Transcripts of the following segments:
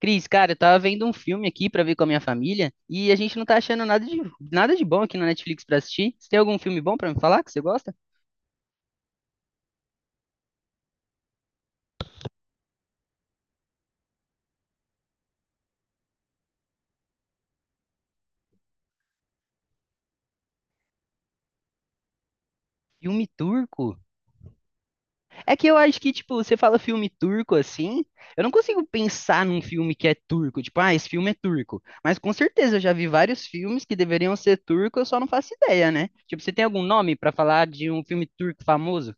Cris, cara, eu tava vendo um filme aqui pra ver com a minha família e a gente não tá achando nada de bom aqui na Netflix pra assistir. Você tem algum filme bom pra me falar que você gosta? Filme turco? É que eu acho que, tipo, você fala filme turco assim, eu não consigo pensar num filme que é turco, tipo, ah, esse filme é turco. Mas com certeza eu já vi vários filmes que deveriam ser turco, eu só não faço ideia, né? Tipo, você tem algum nome pra falar de um filme turco famoso?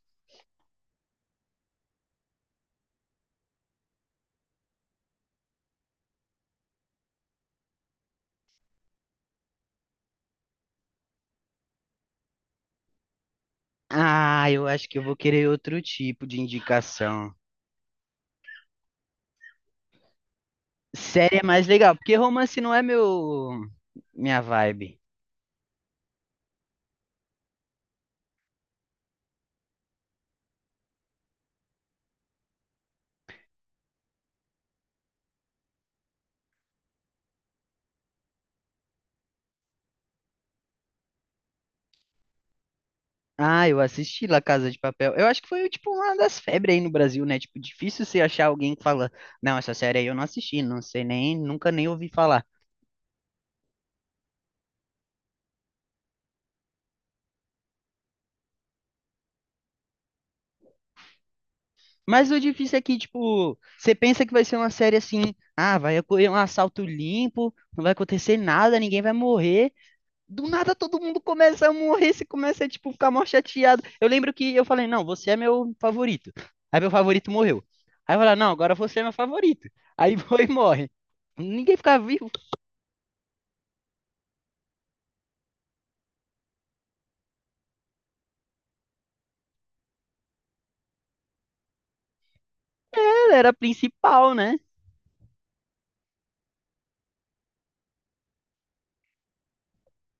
Ah, eu acho que eu vou querer outro tipo de indicação. Série é mais legal, porque romance não é meu minha vibe. Ah, eu assisti La Casa de Papel. Eu acho que foi tipo uma das febres aí no Brasil, né? Tipo, difícil você achar alguém que fala, não, essa série aí eu não assisti, não sei nem, nunca nem ouvi falar. Mas o difícil é que, tipo, você pensa que vai ser uma série assim, ah, vai ocorrer um assalto limpo, não vai acontecer nada, ninguém vai morrer. Do nada todo mundo começa a morrer, se começa a tipo, ficar mal chateado. Eu lembro que eu falei, não, você é meu favorito. Aí meu favorito morreu. Aí eu falei, não, agora você é meu favorito. Aí foi e morre. Ninguém ficava vivo, ela ele era a principal, né?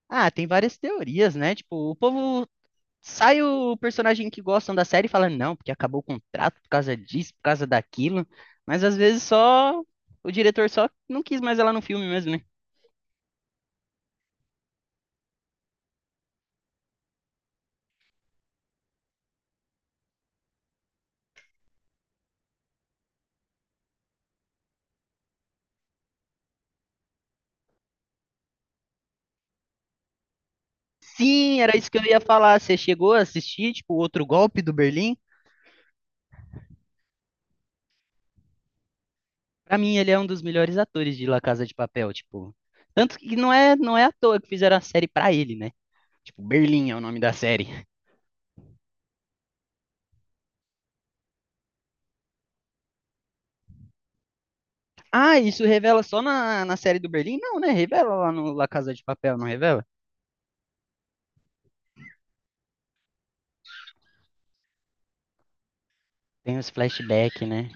Ah, tem várias teorias, né? Tipo, o povo sai o personagem que gostam da série e fala, não, porque acabou o contrato por causa disso, por causa daquilo. Mas às vezes só o diretor só não quis mais ela no filme mesmo, né? Sim, era isso que eu ia falar. Você chegou a assistir, tipo, o outro golpe do Berlim? Pra mim, ele é um dos melhores atores de La Casa de Papel, tipo. Tanto que não é à toa que fizeram a série pra ele, né? Tipo, Berlim é o nome da série. Ah, isso revela só na série do Berlim? Não, né? Revela lá no La Casa de Papel, não revela? Tem os flashbacks, né?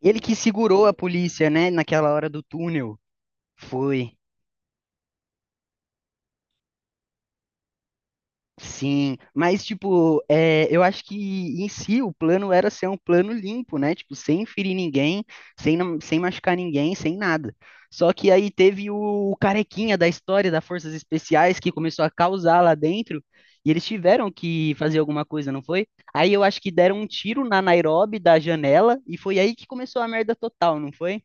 Ele que segurou a polícia, né? Naquela hora do túnel. Foi. Sim, mas tipo, é, eu acho que em si o plano era ser um plano limpo, né? Tipo, sem ferir ninguém, sem machucar ninguém, sem nada. Só que aí teve o carequinha da história das Forças Especiais que começou a causar lá dentro e eles tiveram que fazer alguma coisa, não foi? Aí eu acho que deram um tiro na Nairobi da janela e foi aí que começou a merda total, não foi?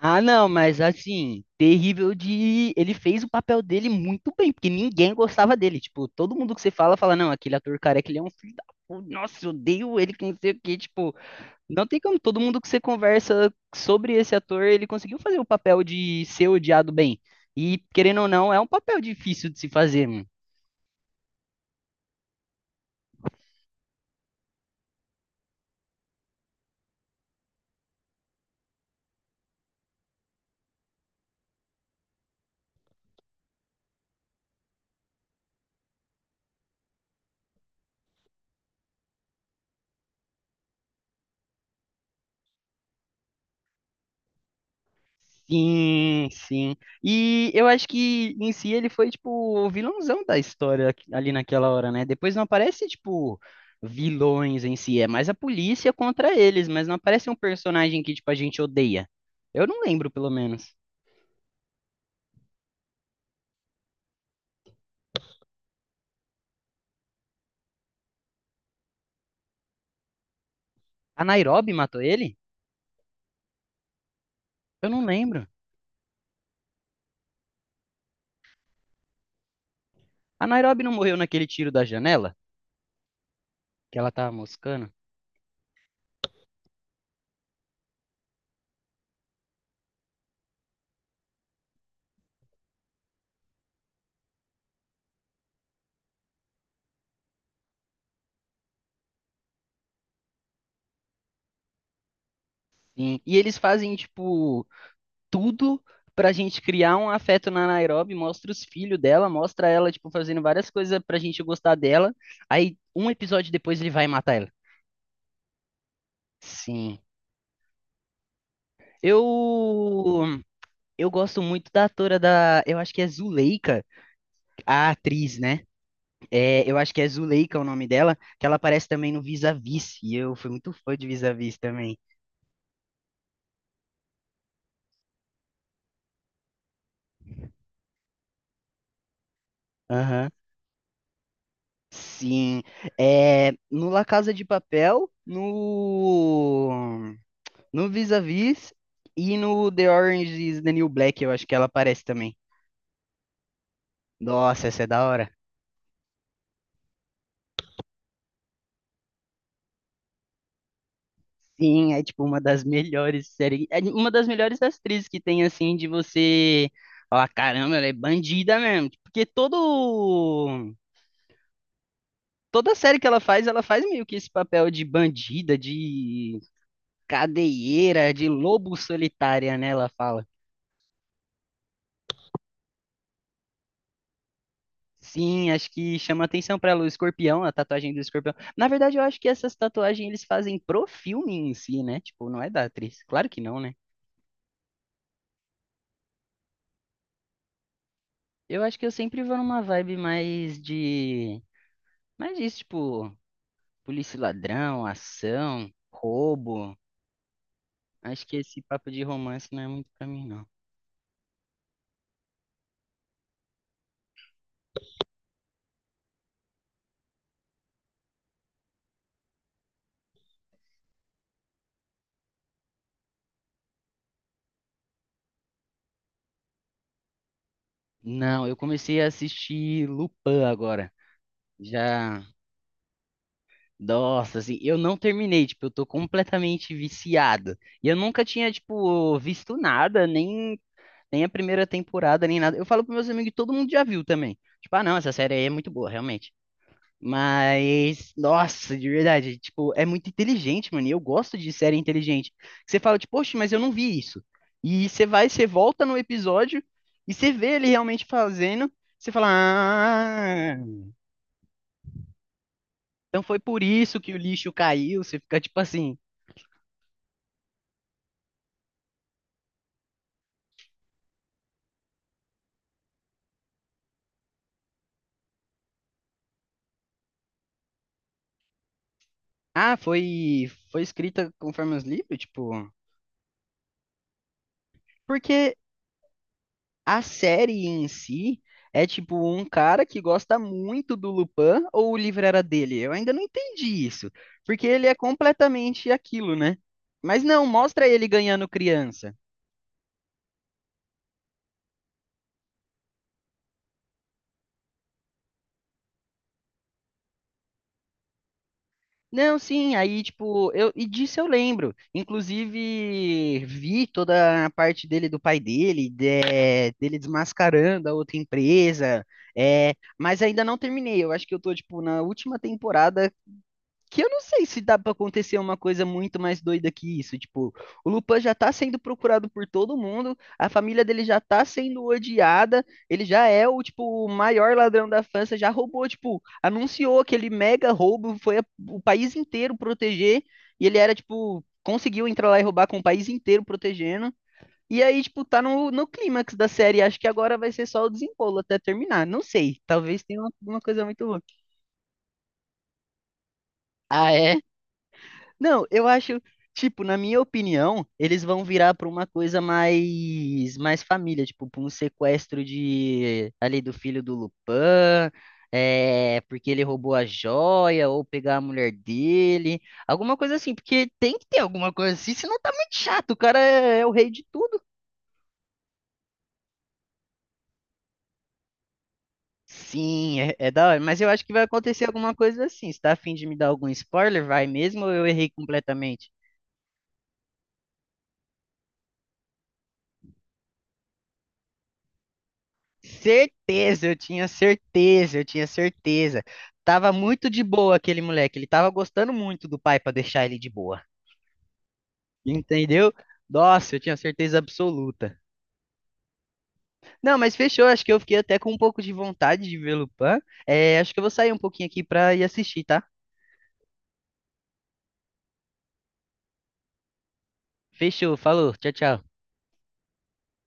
Ah, não, mas assim, terrível de. Ele fez o papel dele muito bem, porque ninguém gostava dele. Tipo, todo mundo que fala, não, aquele ator careca, ele é um filho da puta. Nossa, eu odeio ele, que não sei o quê. Tipo, não tem como. Todo mundo que você conversa sobre esse ator, ele conseguiu fazer o papel de ser odiado bem. E, querendo ou não, é um papel difícil de se fazer. Sim, sim. E eu acho que em si ele foi, tipo, o vilãozão da ali naquela hora, né? Depois não aparece, tipo, vilões em si, é mais a polícia contra eles, mas não aparece um personagem que, tipo, a gente odeia. Eu não lembro, pelo menos. A Nairobi matou ele? Eu não lembro. A Nairobi não morreu naquele tiro da janela? Que ela tava moscando? Sim. E eles fazem, tipo, tudo pra gente criar um afeto na Nairobi, mostra os filhos dela, mostra ela, tipo, fazendo várias coisas pra gente gostar dela. Aí, um episódio depois, ele vai matar ela. Sim. Eu eu gosto muito da atora da, eu acho que é Zuleika, a atriz, né? É, eu acho que é Zuleika o nome dela, que ela aparece também no Vis a Vis, e eu fui muito fã de Vis a Vis também. Aham. Sim. É, no La Casa de Papel, No Vis-a-Vis e no The Orange is the New Black, eu acho que ela aparece também. Nossa, essa é da hora. Sim, é tipo uma das melhores séries, é uma das melhores atrizes que tem assim de você falar, caramba, ela é bandida mesmo, porque todo toda série que ela faz meio que esse papel de bandida, de cadeieira, de lobo solitária, né, ela fala. Sim, acho que chama atenção pra ela o escorpião, a tatuagem do escorpião. Na verdade, eu acho que essas tatuagens eles fazem pro filme em si, né? Tipo, não é da atriz. Claro que não, né? Eu acho que eu sempre vou numa vibe mais de. Mais disso, tipo, polícia e ladrão, ação, roubo. Acho que esse papo de romance não é muito pra mim, não. Não, eu comecei a assistir Lupin agora. Já. Nossa, assim, eu não terminei, tipo, eu tô completamente viciado. E eu nunca tinha, tipo, visto nada, nem, nem a primeira temporada, nem nada. Eu falo pros meus amigos, e todo mundo já viu também. Tipo, ah, não, essa série aí é muito boa, realmente. Mas, nossa, de verdade, tipo, é muito inteligente, mano. E eu gosto de série inteligente. Você fala, tipo, poxa, mas eu não vi isso. E você vai, você volta no episódio e você vê ele realmente fazendo. Você fala, ah, então foi por isso que o lixo caiu. Você fica tipo assim. Ah, foi, foi escrita conforme os livros, tipo. Porque a série em si é tipo um cara que gosta muito do Lupin ou o livro era dele? Eu ainda não entendi isso. Porque ele é completamente aquilo, né? Mas não, mostra ele ganhando criança. Não, sim, aí, tipo, eu, e disso eu lembro. Inclusive, vi toda a parte dele do pai dele, dele desmascarando a outra empresa, é, mas ainda não terminei. Eu acho que eu tô, tipo, na última temporada que eu não sei se dá pra acontecer uma coisa muito mais doida que isso. Tipo, o Lupin já tá sendo procurado por todo mundo, a família dele já tá sendo odiada, ele já é o, tipo, o maior ladrão da França, já roubou, tipo, anunciou aquele mega roubo, foi o país inteiro proteger, e ele era, tipo, conseguiu entrar lá e roubar com o país inteiro protegendo. E aí, tipo, tá no clímax da série. Acho que agora vai ser só o desenrolo até terminar. Não sei. Talvez tenha uma coisa muito boa. Ah, é. Não, eu acho, tipo, na minha opinião, eles vão virar pra uma coisa mais família, tipo, pra um sequestro de ali do filho do Lupin, é, porque ele roubou a joia ou pegar a mulher dele, alguma coisa assim, porque tem que ter alguma coisa assim, senão tá muito chato, o cara é o rei de tudo. Sim, é, é da hora, mas eu acho que vai acontecer alguma coisa assim. Você tá a fim de me dar algum spoiler? Vai mesmo ou eu errei completamente? Certeza, eu tinha certeza. Tava muito de boa aquele moleque, ele tava gostando muito do pai pra deixar ele de boa. Entendeu? Nossa, eu tinha certeza absoluta. Não, mas fechou, acho que eu fiquei até com um pouco de vontade de ver Lupin. É, acho que eu vou sair um pouquinho aqui pra ir assistir, tá? Fechou, falou, tchau, tchau.